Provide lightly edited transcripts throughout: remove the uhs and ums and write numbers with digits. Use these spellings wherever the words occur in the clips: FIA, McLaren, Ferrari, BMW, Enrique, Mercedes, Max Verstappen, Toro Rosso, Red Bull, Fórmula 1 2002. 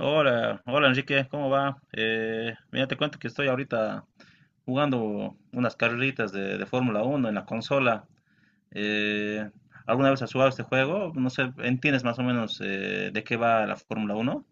Hola, hola Enrique, ¿cómo va? Mira, te cuento que estoy ahorita jugando unas carreritas de Fórmula Uno en la consola. Eh, ¿alguna vez has jugado este juego? No sé, ¿entiendes más o menos de qué va la Fórmula Uno?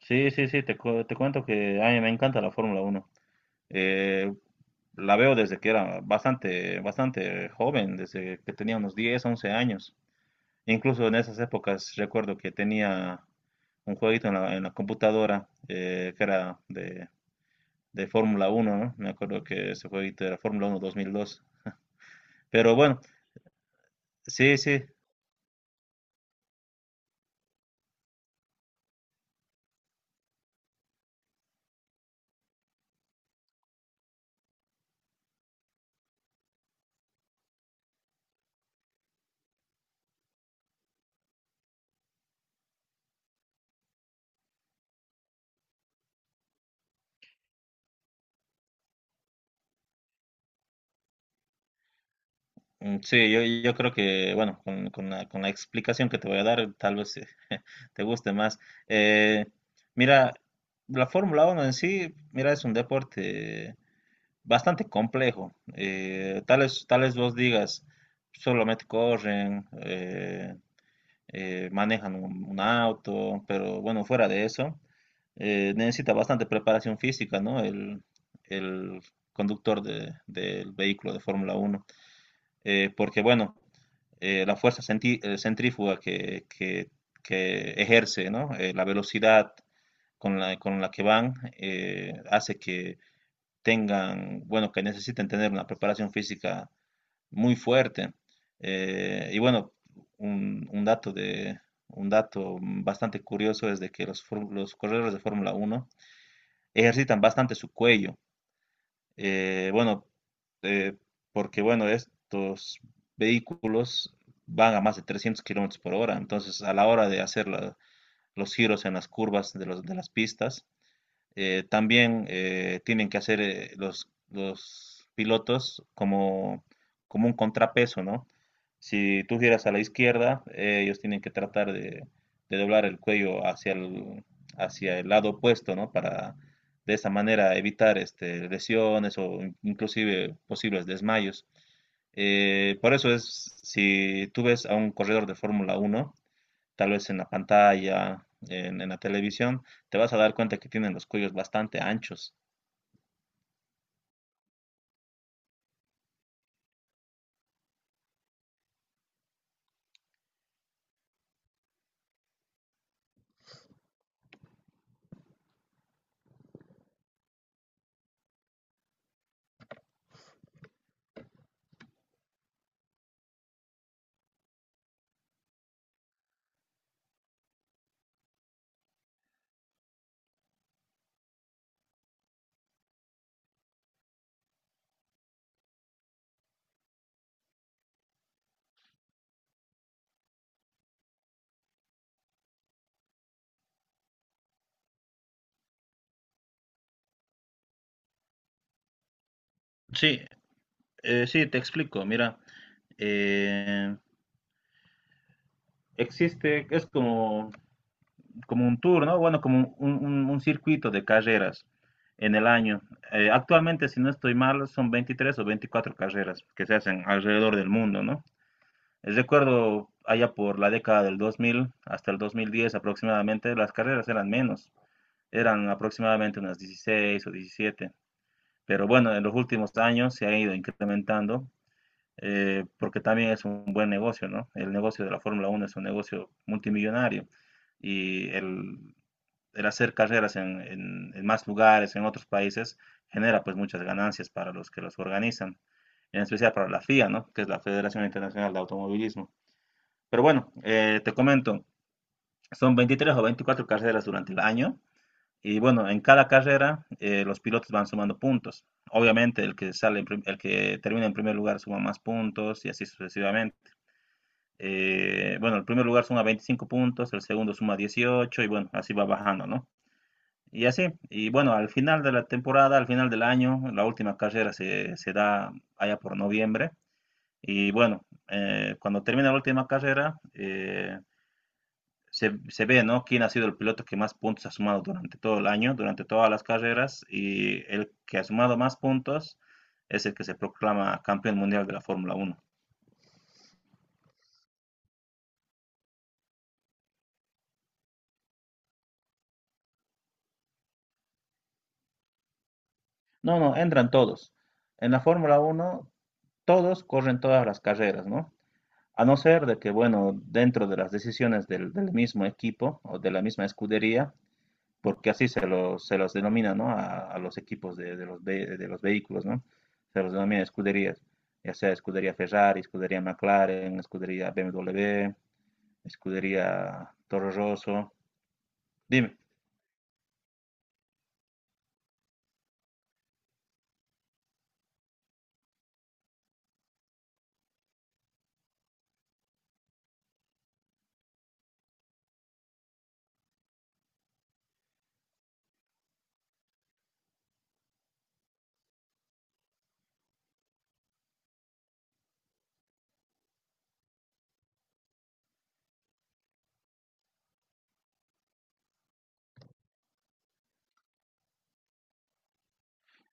Sí, sí, sí, te cuento que a mí me encanta la Fórmula Uno. Eh, la veo desde que era bastante, bastante joven, desde que tenía unos 10, 11 años. Incluso en esas épocas recuerdo que tenía un jueguito en la computadora que era de Fórmula Uno, ¿no? Me acuerdo que ese jueguito era Fórmula 1 2002. Pero bueno, sí, sí, mm, sí, yo creo que, bueno, con, con la explicación que te voy a dar, tal vez te guste más. Eh, mira, la Fórmula Uno en sí, mira, es un deporte bastante complejo. Tales vos digas, solamente corren, manejan un auto, pero bueno, fuera de eso, necesita bastante preparación física, ¿no? El conductor del vehículo de Fórmula uno, porque bueno, la fuerza centrífuga que ejerce, ¿no? La velocidad con la que van hace que tengan, bueno, que necesiten tener una preparación física muy fuerte. Y bueno, un, un dato de, un dato bastante curioso es de que los corredores de Fórmula uno ejercitan bastante su cuello. Bueno, eh, porque bueno, estos vehículos van a más de 300 kilómetros por hora, entonces a la hora de hacer los giros en las curvas de las pistas, también tienen que hacer los pilotos como un contrapeso, ¿no? Si tú giras a la izquierda, ellos tienen que tratar de doblar el cuello hacia el lado opuesto, ¿no? Para de esa manera evitar lesiones o inclusive posibles desmayos. Por eso es, si tú ves a un corredor de Fórmula Uno tal vez en la pantalla, en la televisión, te vas a dar cuenta que tienen los cuellos bastante anchos. Sí, sí, te explico. Mira, eh, existe, es como un tour, ¿no? Bueno, como un circuito de carreras en el año. Actualmente, si no estoy mal, son 23 o 24 carreras que se hacen alrededor del mundo, ¿no? Recuerdo allá por la década del 2000 hasta el 2010 aproximadamente, las carreras eran menos. Eran aproximadamente unas 16 o 17. Pero bueno, en los últimos años se ha ido incrementando porque también es un buen negocio, ¿no? El negocio de la Fórmula Uno es un negocio multimillonario y el hacer carreras en, en más lugares, en otros países, genera pues muchas ganancias para los que los organizan, en especial para la FIA, ¿no? Que es la Federación Internacional de Automovilismo. Pero bueno, te comento, son 23 o 24 carreras durante el año y bueno, en cada carrera los pilotos van sumando puntos. Obviamente el que sale, el que termina en primer lugar suma más puntos y así sucesivamente. Bueno, el primer lugar suma 25 puntos, el segundo suma 18 y bueno, así va bajando, ¿no? Y así, y bueno, al final de la temporada, al final del año, la última carrera se da allá por noviembre. Y bueno, cuando termina la última carrera, se ve, ¿no? Quién ha sido el piloto que más puntos ha sumado durante todo el año, durante todas las carreras, y el que ha sumado más puntos es el que se proclama campeón mundial de la Fórmula Uno. No, no, entran todos. En la Fórmula Uno todos corren todas las carreras, ¿no? A no ser de que, bueno, dentro de las decisiones del mismo equipo o de la misma escudería, porque así se los denomina, ¿no? A los equipos de los vehículos, ¿no? Se los denomina escuderías, ya sea escudería Ferrari, escudería McLaren, escudería BMW, escudería Toro Rosso. Dime,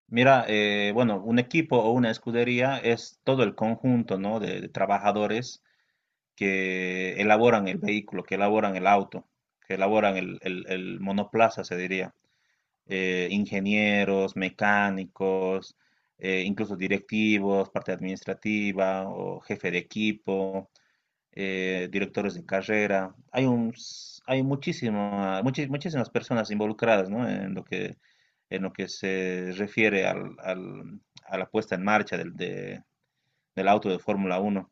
mira, bueno, un equipo o una escudería es todo el conjunto, ¿no? de trabajadores que elaboran el vehículo, que elaboran el auto, que elaboran el monoplaza, se diría. Ingenieros, mecánicos, incluso directivos, parte administrativa o jefe de equipo, directores de carrera. Hay muchísimas personas involucradas, ¿no? En lo que se refiere a la puesta en marcha del auto de Fórmula Uno.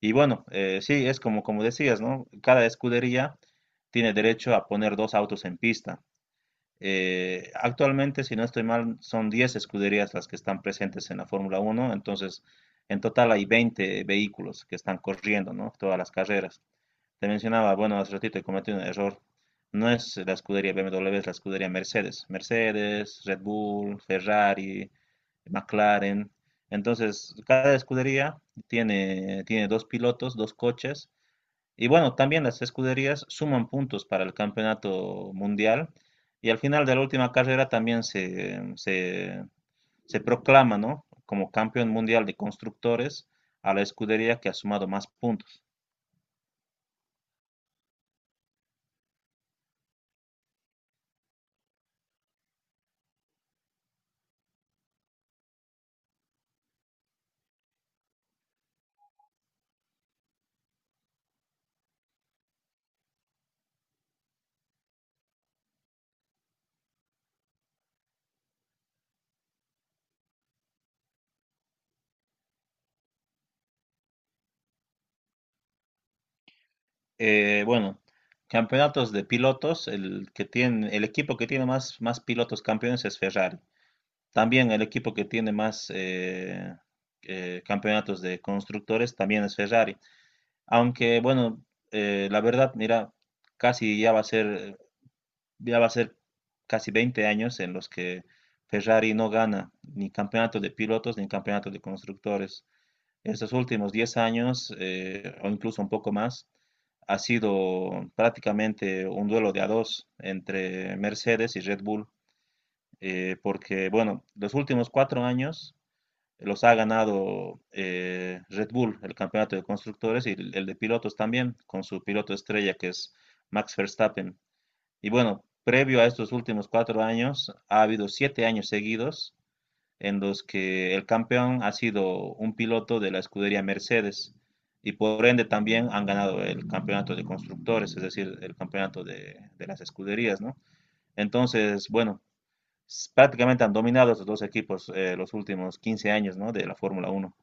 Y bueno, sí, es como decías, ¿no? Cada escudería tiene derecho a poner dos autos en pista. Actualmente, si no estoy mal, son 10 escuderías las que están presentes en la Fórmula Uno. Entonces en total hay 20 vehículos que están corriendo, ¿no? Todas las carreras. Te mencionaba, bueno, hace ratito he cometido un error. No es la escudería BMW, es la escudería Mercedes. Mercedes, Red Bull, Ferrari, McLaren. Entonces, cada escudería tiene dos pilotos, dos coches, y bueno, también las escuderías suman puntos para el campeonato mundial y al final de la última carrera también se proclama, ¿no? como campeón mundial de constructores a la escudería que ha sumado más puntos. Bueno, campeonatos de pilotos, el equipo que tiene más pilotos campeones es Ferrari. También el equipo que tiene más campeonatos de constructores también es Ferrari. Aunque bueno, la verdad, mira, casi ya va a ser, ya va a ser casi 20 años en los que Ferrari no gana ni campeonato de pilotos ni campeonato de constructores. Estos últimos 10 años, o incluso un poco más, ha sido prácticamente un duelo de a dos entre Mercedes y Red Bull, porque bueno, los últimos 4 años los ha ganado Red Bull, el campeonato de constructores y el de pilotos también, con su piloto estrella que es Max Verstappen. Y bueno, previo a estos últimos 4 años, ha habido 7 años seguidos en los que el campeón ha sido un piloto de la escudería Mercedes y por ende también han ganado el campeonato de constructores, es decir, el campeonato de las escuderías, ¿no? Entonces, bueno, prácticamente han dominado estos dos equipos los últimos 15 años, ¿no? De la Fórmula Uno.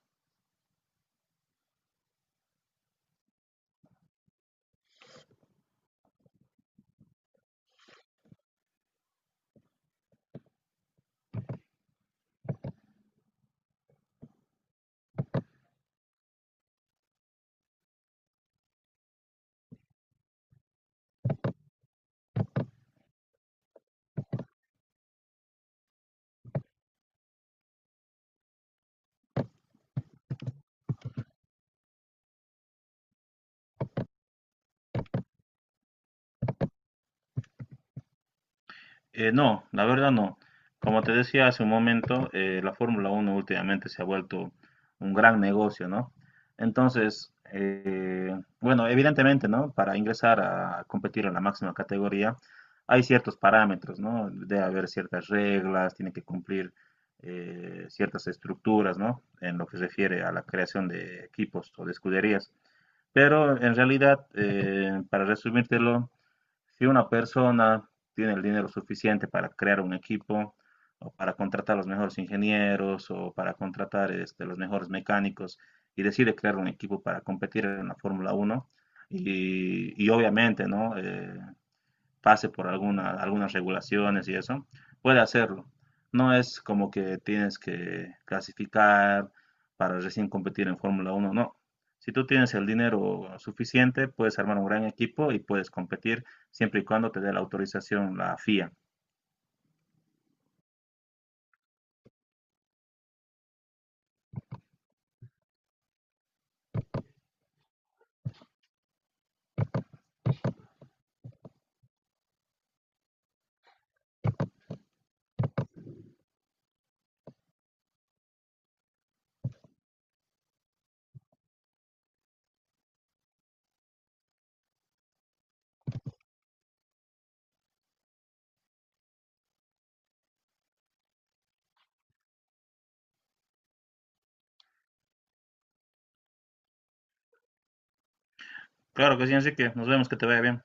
No, la verdad no. Como te decía hace un momento, la Fórmula Uno últimamente se ha vuelto un gran negocio, ¿no? Entonces, bueno, evidentemente, ¿no? Para ingresar a competir en la máxima categoría, hay ciertos parámetros, ¿no? Debe haber ciertas reglas, tiene que cumplir ciertas estructuras, ¿no? En lo que se refiere a la creación de equipos o de escuderías. Pero en realidad, para resumírtelo, si una persona tiene el dinero suficiente para crear un equipo o para contratar los mejores ingenieros o para contratar los mejores mecánicos y decide crear un equipo para competir en la Fórmula Uno y obviamente, ¿no? Pase por algunas regulaciones y eso, puede hacerlo. No es como que tienes que clasificar para recién competir en Fórmula 1, no. Si tú tienes el dinero suficiente, puedes armar un gran equipo y puedes competir siempre y cuando te dé la autorización la FIA. Claro que sí, Enrique. Nos vemos, que te vaya bien.